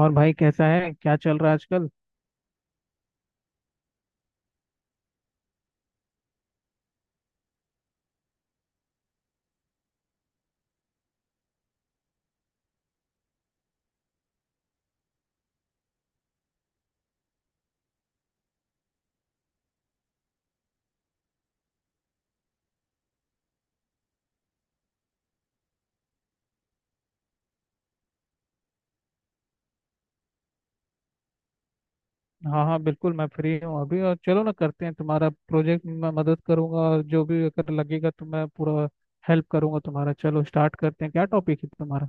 और भाई कैसा है, क्या चल रहा है आजकल? हाँ हाँ बिल्कुल, मैं फ्री हूँ अभी। और चलो ना, करते हैं तुम्हारा प्रोजेक्ट में मैं मदद करूंगा, और जो भी अगर लगेगा तो मैं पूरा हेल्प करूंगा तुम्हारा। चलो स्टार्ट करते हैं, क्या टॉपिक है तुम्हारा?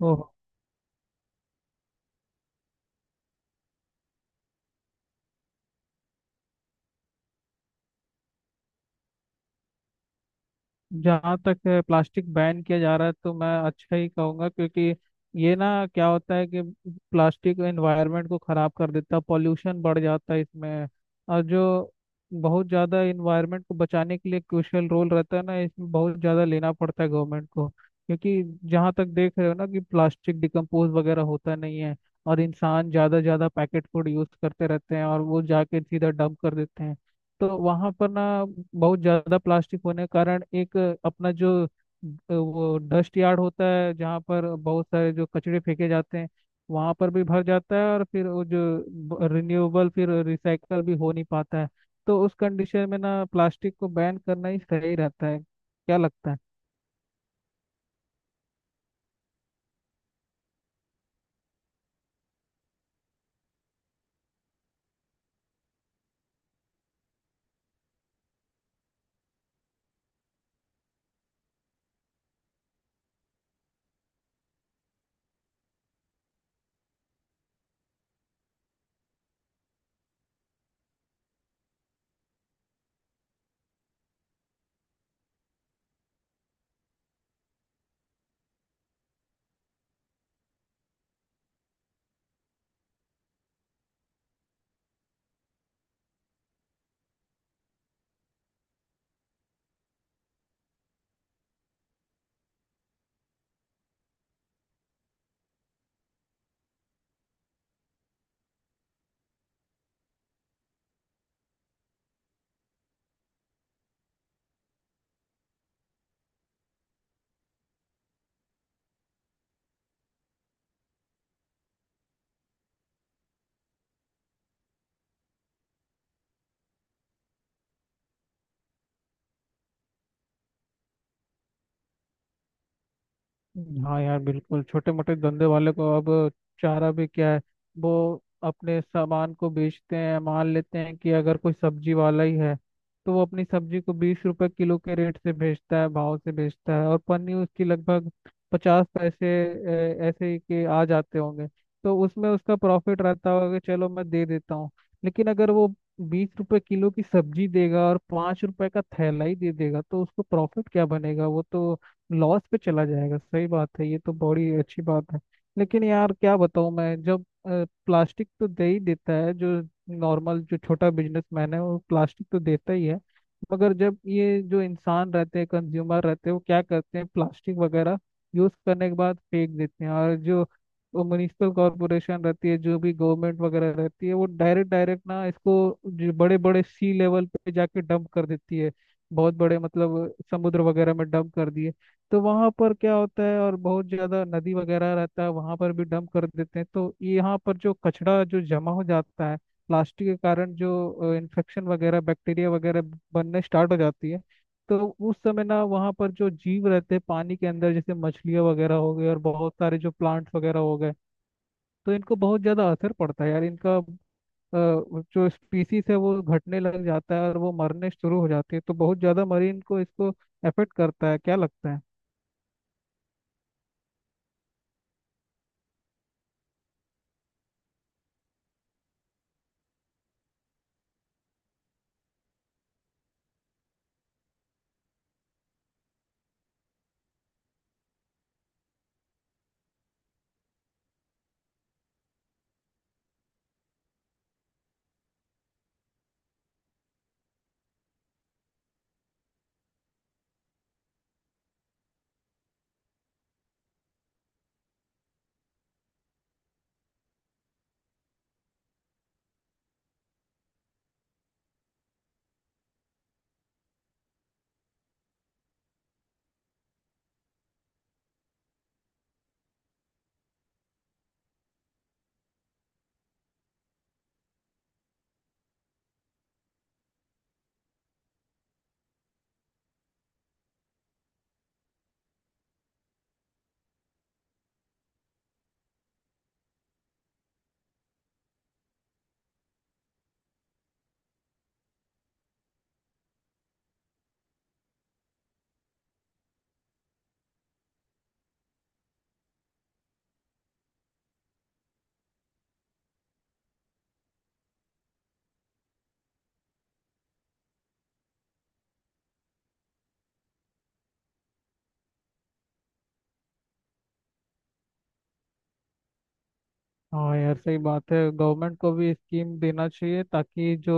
ओ। जहाँ तक है, प्लास्टिक बैन किया जा रहा है तो मैं अच्छा ही कहूँगा, क्योंकि ये ना क्या होता है कि प्लास्टिक एनवायरनमेंट को ख़राब कर देता है, पॉल्यूशन बढ़ जाता है इसमें। और जो बहुत ज़्यादा एनवायरनमेंट को बचाने के लिए क्रूशियल रोल रहता है ना, इसमें बहुत ज़्यादा लेना पड़ता है गवर्नमेंट को, क्योंकि जहाँ तक देख रहे हो ना कि प्लास्टिक डिकम्पोज वगैरह होता नहीं है। और इंसान ज़्यादा ज़्यादा पैकेट फूड यूज़ करते रहते हैं और वो जाके सीधा डंप कर देते हैं। तो वहां पर ना बहुत ज्यादा प्लास्टिक होने के कारण एक अपना जो वो डस्ट यार्ड होता है, जहाँ पर बहुत सारे जो कचरे फेंके जाते हैं वहां पर भी भर जाता है। और फिर वो जो रिन्यूएबल, फिर रिसाइकल भी हो नहीं पाता है। तो उस कंडीशन में ना प्लास्टिक को बैन करना ही सही रहता है, क्या लगता है? हाँ यार बिल्कुल, छोटे मोटे धंधे वाले को अब चारा भी क्या है। वो अपने सामान को बेचते हैं, मान लेते हैं कि अगर कोई सब्जी वाला ही है तो वो अपनी सब्जी को 20 रुपए किलो के रेट से बेचता है, भाव से बेचता है, और पन्नी उसकी लगभग 50 पैसे ऐसे ही के आ जाते होंगे। तो उसमें उसका प्रॉफिट रहता होगा कि चलो मैं दे देता हूँ। लेकिन अगर वो 20 रुपए किलो की सब्जी देगा और 5 रुपए का थैला ही दे देगा तो उसको प्रॉफिट क्या बनेगा, वो तो लॉस पे चला जाएगा। सही बात है, ये तो बड़ी अच्छी बात है। लेकिन यार क्या बताऊँ मैं, जब प्लास्टिक तो दे ही देता है जो नॉर्मल जो छोटा बिजनेसमैन है वो प्लास्टिक तो देता ही है। मगर जब ये जो इंसान रहते हैं, कंज्यूमर रहते हैं, वो क्या करते हैं प्लास्टिक वगैरह यूज करने के बाद फेंक देते हैं। और जो म्युनिसिपल कॉरपोरेशन रहती है, जो भी गवर्नमेंट वगैरह रहती है, वो डायरेक्ट डायरेक्ट ना इसको जो बड़े बड़े सी लेवल पे जाके डंप कर देती है। बहुत बड़े मतलब समुद्र वगैरह में डंप कर दिए तो वहां पर क्या होता है। और बहुत ज्यादा नदी वगैरह रहता है, वहां पर भी डंप कर देते हैं तो यहाँ पर जो कचरा जो जमा हो जाता है प्लास्टिक के कारण, जो इन्फेक्शन वगैरह बैक्टीरिया वगैरह बनने स्टार्ट हो जाती है। तो उस समय ना वहाँ पर जो जीव रहते हैं पानी के अंदर, जैसे मछलियाँ वगैरह हो गई और बहुत सारे जो प्लांट्स वगैरह हो गए, तो इनको बहुत ज्यादा असर पड़ता है यार। इनका जो स्पीसीज है वो घटने लग जाता है और वो मरने शुरू हो जाती है। तो बहुत ज्यादा मरीन को इसको अफेक्ट करता है, क्या लगता है? हाँ यार सही बात है, गवर्नमेंट को भी स्कीम देना चाहिए ताकि जो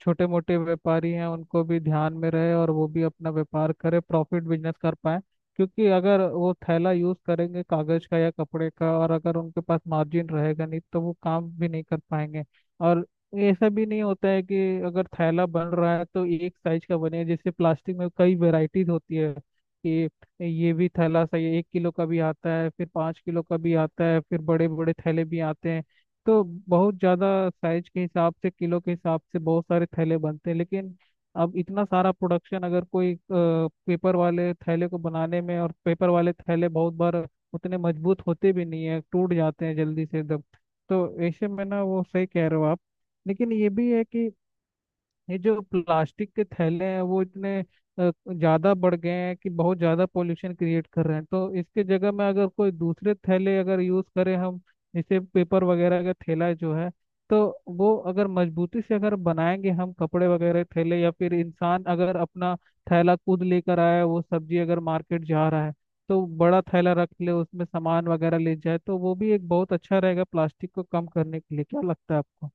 छोटे मोटे व्यापारी हैं उनको भी ध्यान में रहे और वो भी अपना व्यापार करे, प्रॉफिट बिजनेस कर पाए। क्योंकि अगर वो थैला यूज करेंगे कागज का या कपड़े का और अगर उनके पास मार्जिन रहेगा नहीं तो वो काम भी नहीं कर पाएंगे। और ऐसा भी नहीं होता है कि अगर थैला बन रहा है तो एक साइज का बने। जैसे प्लास्टिक में कई वेराइटीज होती है कि ये भी थैला सही है, 1 किलो का भी आता है, फिर 5 किलो का भी आता है, फिर बड़े बड़े थैले भी आते हैं। तो बहुत ज़्यादा साइज के हिसाब से, किलो के हिसाब से बहुत सारे थैले बनते हैं। लेकिन अब इतना सारा प्रोडक्शन अगर कोई पेपर वाले थैले को बनाने में, और पेपर वाले थैले बहुत बार उतने मजबूत होते भी नहीं है, टूट जाते हैं जल्दी से एकदम। तो ऐसे में ना वो सही कह रहे हो आप। लेकिन ये भी है कि ये जो प्लास्टिक के थैले हैं वो इतने ज्यादा बढ़ गए हैं कि बहुत ज्यादा पोल्यूशन क्रिएट कर रहे हैं, तो इसके जगह में अगर कोई दूसरे थैले अगर यूज करें हम, जैसे पेपर वगैरह का थैला जो है, तो वो अगर मजबूती से अगर बनाएंगे हम, कपड़े वगैरह के थैले, या फिर इंसान अगर अपना थैला खुद लेकर आया, वो सब्जी अगर मार्केट जा रहा है तो बड़ा थैला रख ले, उसमें सामान वगैरह ले जाए, तो वो भी एक बहुत अच्छा रहेगा प्लास्टिक को कम करने के लिए। क्या लगता है आपको?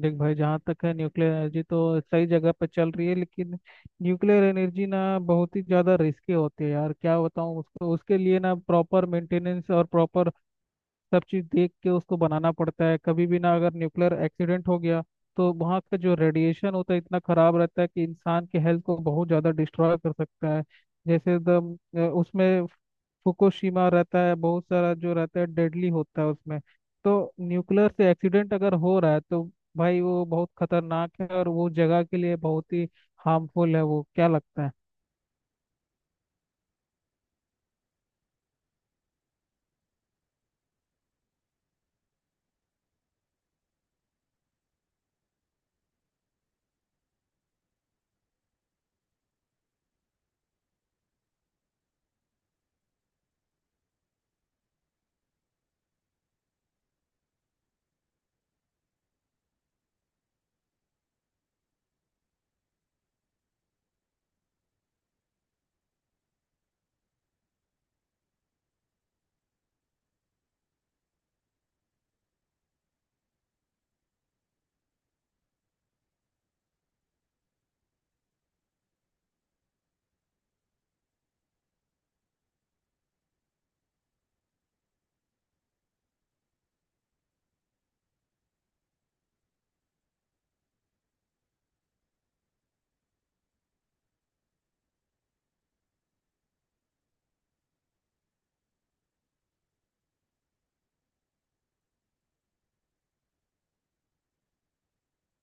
देख भाई, जहाँ तक है न्यूक्लियर एनर्जी तो सही जगह पे चल रही है, लेकिन न्यूक्लियर एनर्जी ना बहुत ही ज़्यादा रिस्की होती है यार, क्या बताऊँ उसको। उसके लिए ना प्रॉपर मेंटेनेंस और प्रॉपर सब चीज़ देख के उसको बनाना पड़ता है। कभी भी ना अगर न्यूक्लियर एक्सीडेंट हो गया तो वहाँ का जो रेडिएशन होता है इतना ख़राब रहता है कि इंसान के हेल्थ को बहुत ज़्यादा डिस्ट्रॉय कर सकता है। जैसे द उसमें फुकुशिमा रहता है, बहुत सारा जो रहता है डेडली होता है उसमें। तो न्यूक्लियर से एक्सीडेंट अगर हो रहा है तो भाई वो बहुत खतरनाक है और वो जगह के लिए बहुत ही हार्मफुल है वो। क्या लगता है?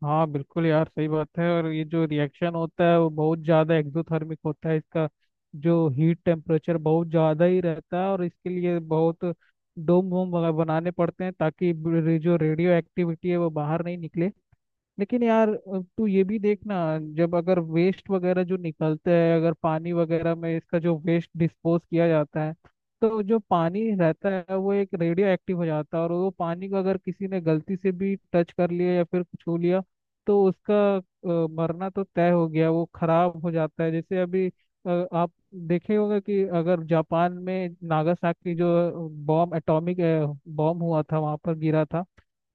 हाँ बिल्कुल यार सही बात है, और ये जो रिएक्शन होता है वो बहुत ज़्यादा एक्सोथर्मिक होता है इसका। जो हीट टेम्परेचर बहुत ज़्यादा ही रहता है, और इसके लिए बहुत डोम वोम वगैरह बनाने पड़ते हैं ताकि जो रेडियो एक्टिविटी है वो बाहर नहीं निकले। लेकिन यार तू ये भी देखना, जब अगर वेस्ट वगैरह जो निकलते हैं, अगर पानी वगैरह में इसका जो वेस्ट डिस्पोज किया जाता है, तो जो पानी रहता है वो एक रेडियो एक्टिव हो जाता है। और वो पानी को अगर किसी ने गलती से भी टच कर लिया या फिर छू लिया तो उसका मरना तो तय हो गया, वो खराब हो जाता है। जैसे अभी आप देखे होगा कि अगर जापान में नागासाकी जो बॉम्ब, एटॉमिक बॉम्ब हुआ था वहां पर गिरा था,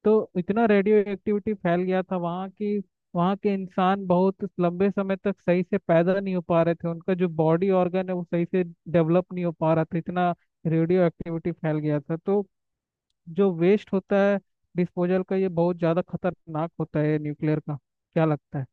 तो इतना रेडियो एक्टिविटी फैल गया था वहाँ कि वहाँ के इंसान बहुत लंबे समय तक सही से पैदा नहीं हो पा रहे थे, उनका जो बॉडी ऑर्गन है वो सही से डेवलप नहीं हो पा रहा था। इतना रेडियो एक्टिविटी फैल गया था। तो जो वेस्ट होता है डिस्पोजल का, ये बहुत ज़्यादा खतरनाक होता है न्यूक्लियर का। क्या लगता है?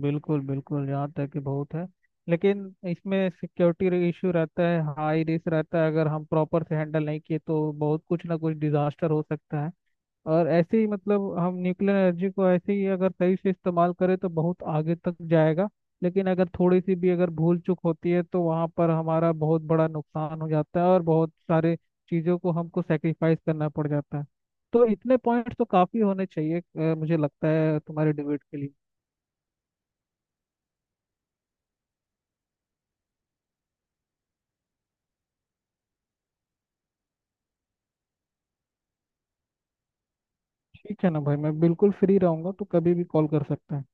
बिल्कुल बिल्कुल, यहाँ तक कि बहुत है, लेकिन इसमें सिक्योरिटी इशू रहता है, हाई रिस्क रहता है। अगर हम प्रॉपर से हैंडल नहीं किए तो बहुत कुछ ना कुछ डिजास्टर हो सकता है। और ऐसे ही मतलब हम न्यूक्लियर एनर्जी को ऐसे ही अगर सही से इस्तेमाल करें तो बहुत आगे तक जाएगा। लेकिन अगर थोड़ी सी भी अगर भूल चूक होती है तो वहाँ पर हमारा बहुत बड़ा नुकसान हो जाता है और बहुत सारे चीज़ों को हमको सेक्रीफाइस करना पड़ जाता है। तो इतने पॉइंट्स तो काफ़ी होने चाहिए, मुझे लगता है तुम्हारे डिबेट के लिए। ठीक है ना भाई, मैं बिल्कुल फ्री रहूंगा तो कभी भी कॉल कर सकता है।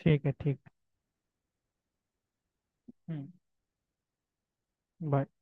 ठीक है, ठीक है। हम्म। बाय।